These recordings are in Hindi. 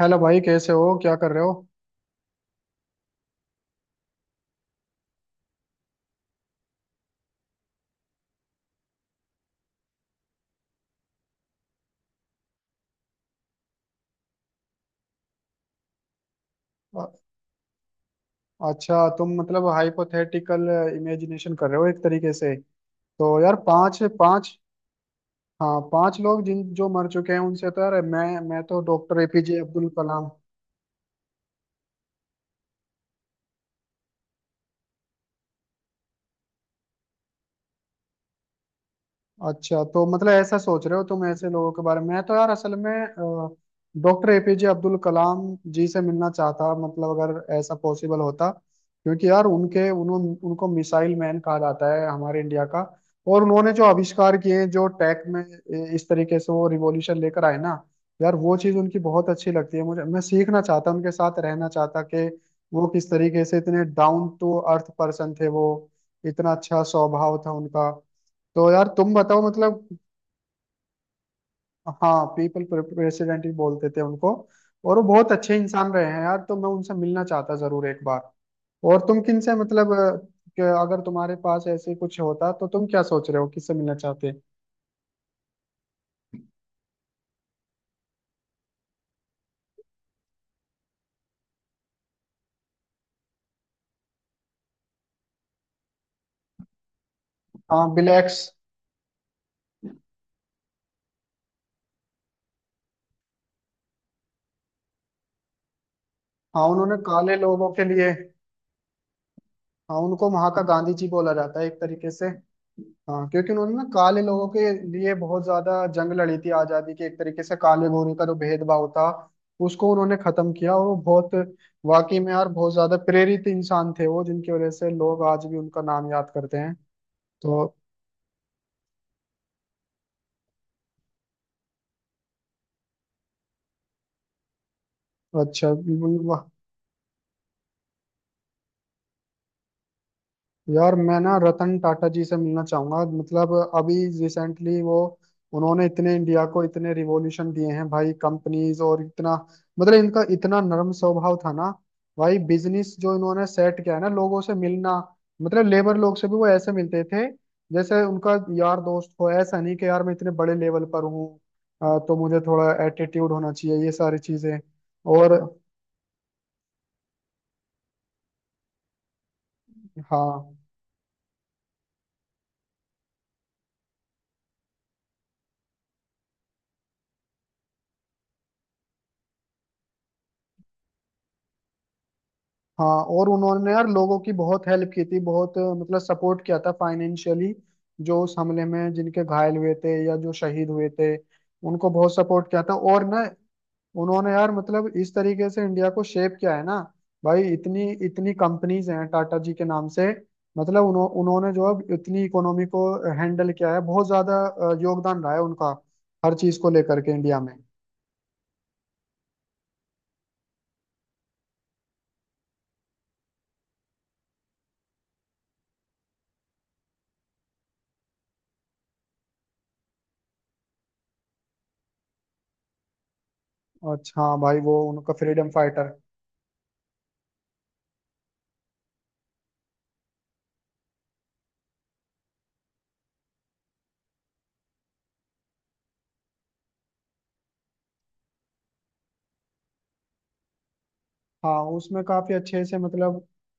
हेलो भाई, कैसे हो, क्या कर रहे हो। अ- अच्छा, तुम मतलब हाइपोथेटिकल इमेजिनेशन कर रहे हो एक तरीके से। तो यार पांच पांच। हाँ, पांच लोग जिन जो मर चुके हैं उनसे तो यार मैं तो डॉक्टर एपीजे अब्दुल कलाम। अच्छा, तो मतलब ऐसा सोच रहे हो तुम, ऐसे लोगों के बारे में। मैं तो यार असल में डॉक्टर एपीजे अब्दुल कलाम जी से मिलना चाहता, मतलब अगर ऐसा पॉसिबल होता। क्योंकि यार उनके उन्होंने उनको मिसाइल मैन कहा जाता है हमारे इंडिया का। और उन्होंने जो आविष्कार किए, जो टेक में इस तरीके से वो रिवॉल्यूशन लेकर आए ना। यार वो चीज़ उनकी बहुत अच्छी लगती है मुझे, मैं सीखना चाहता, उनके साथ रहना चाहता कि वो किस तरीके से इतने डाउन टू अर्थ पर्सन थे वो। इतना अच्छा स्वभाव था उनका। तो यार तुम बताओ मतलब। हाँ, पीपल प्रेसिडेंट ही बोलते थे उनको। और वो बहुत अच्छे इंसान रहे हैं यार, तो मैं उनसे मिलना चाहता जरूर एक बार। और तुम किन से मतलब कि अगर तुम्हारे पास ऐसे कुछ होता तो तुम क्या सोच रहे हो, किससे मिलना चाहते। हाँ, ब्लैक्स। हाँ, उन्होंने काले लोगों के लिए। हाँ, उनको वहां का गांधी जी बोला जाता है एक तरीके से। हाँ, क्योंकि उन्होंने ना काले लोगों के लिए बहुत ज्यादा जंग लड़ी थी आजादी के, एक तरीके से काले गोरे का जो भेदभाव था उसको उन्होंने खत्म किया। और वो बहुत वाकई में यार बहुत ज्यादा प्रेरित इंसान थे वो, जिनकी वजह से लोग आज भी उनका नाम याद करते हैं। तो अच्छा, यार मैं ना रतन टाटा जी से मिलना चाहूंगा, मतलब अभी रिसेंटली वो उन्होंने इतने इंडिया को इतने रिवॉल्यूशन दिए हैं भाई, कंपनीज, और इतना मतलब इनका इतना नरम स्वभाव था ना भाई। बिजनेस जो इन्होंने सेट किया है ना, लोगों से मिलना, मतलब लेबर लोग से भी वो ऐसे मिलते थे जैसे उनका यार दोस्त हो। ऐसा नहीं कि यार मैं इतने बड़े लेवल पर हूँ तो मुझे थोड़ा एटीट्यूड होना चाहिए, ये सारी चीजें। और हाँ हाँ और उन्होंने यार लोगों की बहुत हेल्प की थी, बहुत मतलब सपोर्ट किया था फाइनेंशियली, जो उस हमले में जिनके घायल हुए थे या जो शहीद हुए थे उनको बहुत सपोर्ट किया था। और ना उन्होंने यार मतलब इस तरीके से इंडिया को शेप किया है ना भाई। इतनी इतनी कंपनीज हैं टाटा जी के नाम से। मतलब उन्होंने जो अब इतनी इकोनॉमी को हैंडल किया है, बहुत ज्यादा योगदान रहा है उनका हर चीज को लेकर के इंडिया में। अच्छा हाँ भाई, वो उनका फ्रीडम फाइटर। हाँ, उसमें काफी अच्छे से मतलब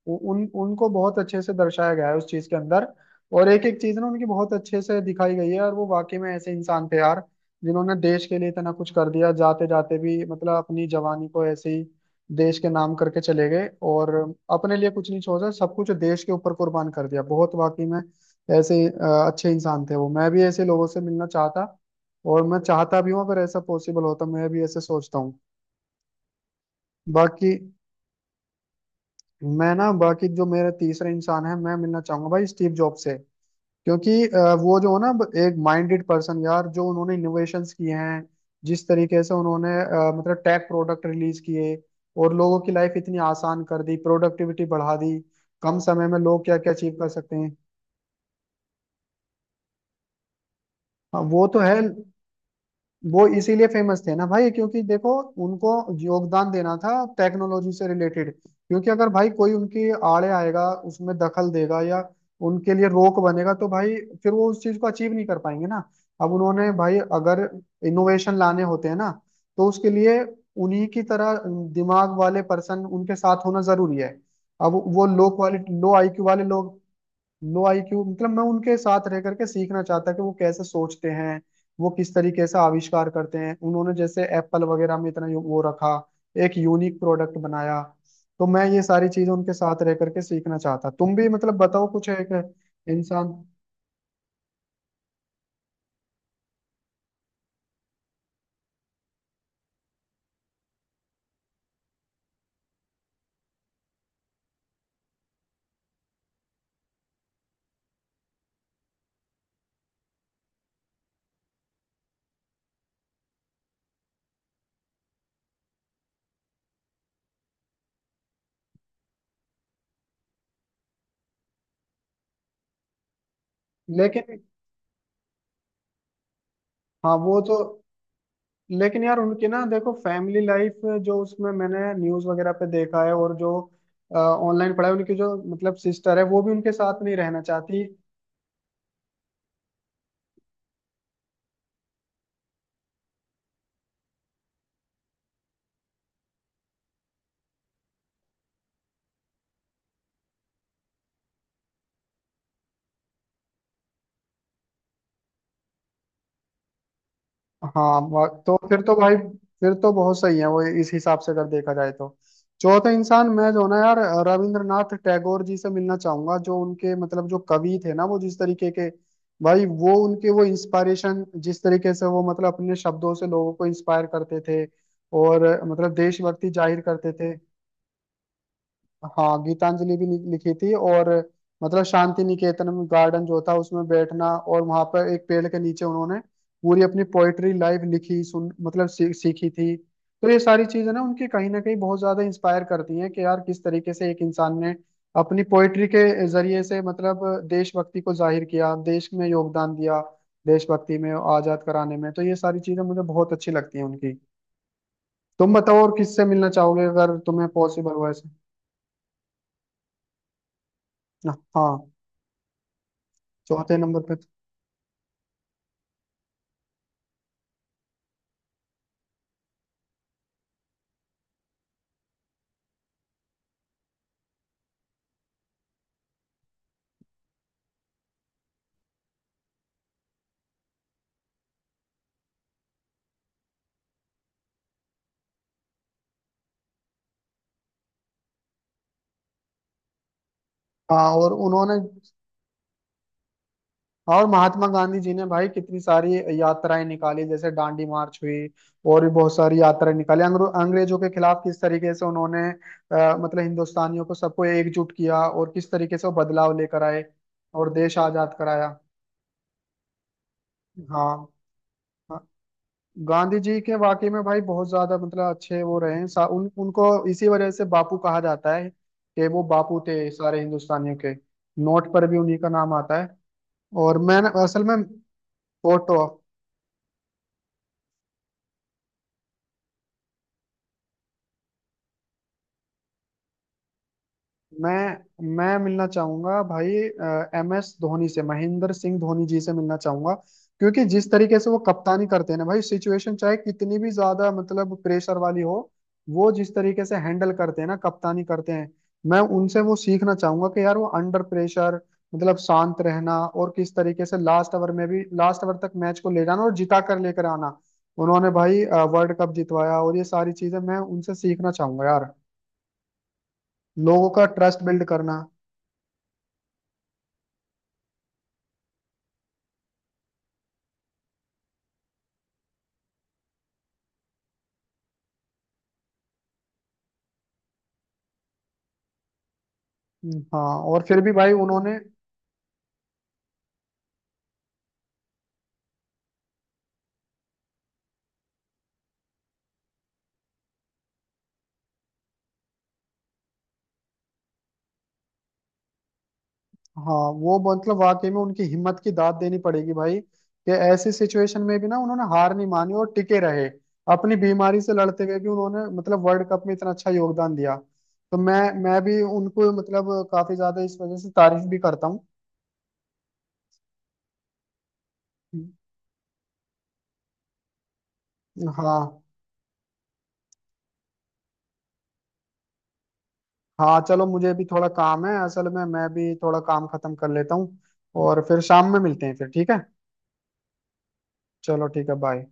उ, उन उनको बहुत अच्छे से दर्शाया गया है उस चीज के अंदर। और एक एक चीज ना उनकी बहुत अच्छे से दिखाई गई है, और वो वाकई में ऐसे इंसान थे यार जिन्होंने देश के लिए इतना कुछ कर दिया, जाते जाते भी मतलब अपनी जवानी को ऐसे ही देश के नाम करके चले गए, और अपने लिए कुछ नहीं छोड़ा, सब कुछ देश के ऊपर कुर्बान कर दिया। बहुत वाकई में ऐसे अच्छे इंसान थे वो, मैं भी ऐसे लोगों से मिलना चाहता। और मैं चाहता भी हूँ, अगर ऐसा पॉसिबल होता, मैं भी ऐसे सोचता हूँ। बाकी मैं ना, बाकी जो मेरा तीसरा इंसान है मैं मिलना चाहूंगा भाई स्टीव जॉब से। क्योंकि वो जो है ना एक माइंडेड पर्सन यार, जो उन्होंने इनोवेशंस किए हैं जिस तरीके से उन्होंने मतलब टेक प्रोडक्ट रिलीज किए, और लोगों की लाइफ इतनी आसान कर दी, प्रोडक्टिविटी बढ़ा दी, कम समय में लोग क्या क्या अचीव कर सकते हैं। हाँ, वो तो है। वो इसीलिए फेमस थे ना भाई, क्योंकि देखो, उनको योगदान देना था टेक्नोलॉजी से रिलेटेड, क्योंकि अगर भाई कोई उनकी आड़े आएगा, उसमें दखल देगा या उनके लिए रोक बनेगा, तो भाई फिर वो उस चीज को अचीव नहीं कर पाएंगे ना। अब उन्होंने भाई अगर इनोवेशन लाने होते हैं ना, तो उसके लिए उन्हीं की तरह दिमाग वाले पर्सन उनके साथ होना जरूरी है। अब वो लो क्वालिटी लो आईक्यू वाले लोग, लो आईक्यू मतलब मैं उनके साथ रह करके सीखना चाहता कि वो कैसे सोचते हैं, वो किस तरीके से आविष्कार करते हैं। उन्होंने जैसे एप्पल वगैरह में इतना वो रखा, एक यूनिक प्रोडक्ट बनाया। तो मैं ये सारी चीजें उनके साथ रह करके सीखना चाहता। तुम भी मतलब बताओ कुछ एक इंसान। लेकिन हाँ वो तो लेकिन यार उनकी ना देखो फैमिली लाइफ, जो उसमें मैंने न्यूज वगैरह पे देखा है और जो ऑनलाइन पढ़ा है, उनकी जो मतलब सिस्टर है वो भी उनके साथ नहीं रहना चाहती। हाँ तो फिर तो भाई फिर तो बहुत सही है वो, इस हिसाब से अगर देखा जाए तो। चौथे इंसान मैं जो ना यार रविंद्रनाथ टैगोर जी से मिलना चाहूंगा, जो उनके मतलब जो कवि थे ना, वो जिस तरीके के भाई वो उनके वो इंस्पायरेशन, जिस तरीके से वो मतलब अपने शब्दों से लोगों को इंस्पायर करते थे, और मतलब देशभक्ति जाहिर करते थे। हाँ गीतांजलि भी लिखी थी, और मतलब शांति निकेतन में गार्डन जो था उसमें बैठना, और वहां पर एक पेड़ के नीचे उन्होंने पूरी अपनी पोइट्री लाइव लिखी, सुन मतलब सीखी थी। तो ये सारी चीजें ना उनकी कहीं ना कहीं बहुत ज्यादा इंस्पायर करती हैं कि यार किस तरीके से एक इंसान ने अपनी पोइट्री के जरिए से मतलब देशभक्ति को जाहिर किया, देश में योगदान दिया, देशभक्ति में आजाद कराने में। तो ये सारी चीजें मुझे बहुत अच्छी लगती हैं उनकी। तुम बताओ और किससे मिलना चाहोगे अगर तुम्हें पॉसिबल हो ऐसे। हाँ चौथे नंबर पे। हाँ, और उन्होंने और महात्मा गांधी जी ने भाई कितनी सारी यात्राएं निकाली, जैसे दांडी मार्च हुई, और भी बहुत सारी यात्राएं निकाली अंग्रेजों के खिलाफ। किस तरीके से उन्होंने मतलब हिंदुस्तानियों को सबको एकजुट किया और किस तरीके से वो बदलाव लेकर आए और देश आजाद कराया। हाँ हाँ, गांधी जी के वाकई में भाई बहुत ज्यादा मतलब अच्छे वो रहे हैं। उनको इसी वजह से बापू कहा जाता है, कि वो बापू थे सारे हिंदुस्तानियों के। नोट पर भी उन्हीं का नाम आता है। और मैं असल में फोटो। मैं मिलना चाहूंगा भाई MS धोनी से, महेंद्र सिंह धोनी जी से मिलना चाहूंगा। क्योंकि जिस तरीके से वो कप्तानी करते हैं ना भाई, सिचुएशन चाहे कितनी भी ज्यादा मतलब प्रेशर वाली हो, वो जिस तरीके से हैंडल करते हैं ना कप्तानी करते हैं, मैं उनसे वो सीखना चाहूंगा कि यार वो अंडर प्रेशर मतलब शांत रहना, और किस तरीके से लास्ट ओवर में भी, लास्ट ओवर तक मैच को ले जाना और जिता कर लेकर आना। उन्होंने भाई वर्ल्ड कप जितवाया, और ये सारी चीजें मैं उनसे सीखना चाहूंगा यार। लोगों का ट्रस्ट बिल्ड करना। हाँ और फिर भी भाई उन्होंने। हाँ, वो मतलब वाकई में उनकी हिम्मत की दाद देनी पड़ेगी भाई, कि ऐसी सिचुएशन में भी ना उन्होंने हार नहीं मानी और टिके रहे। अपनी बीमारी से लड़ते हुए भी उन्होंने मतलब वर्ल्ड कप में इतना अच्छा योगदान दिया। तो मैं भी उनको मतलब काफी ज्यादा इस वजह से तारीफ भी करता हूँ। हाँ। हाँ चलो, मुझे भी थोड़ा काम है असल में, मैं भी थोड़ा काम खत्म कर लेता हूँ, और फिर शाम में मिलते हैं फिर, ठीक है। चलो ठीक है, बाय।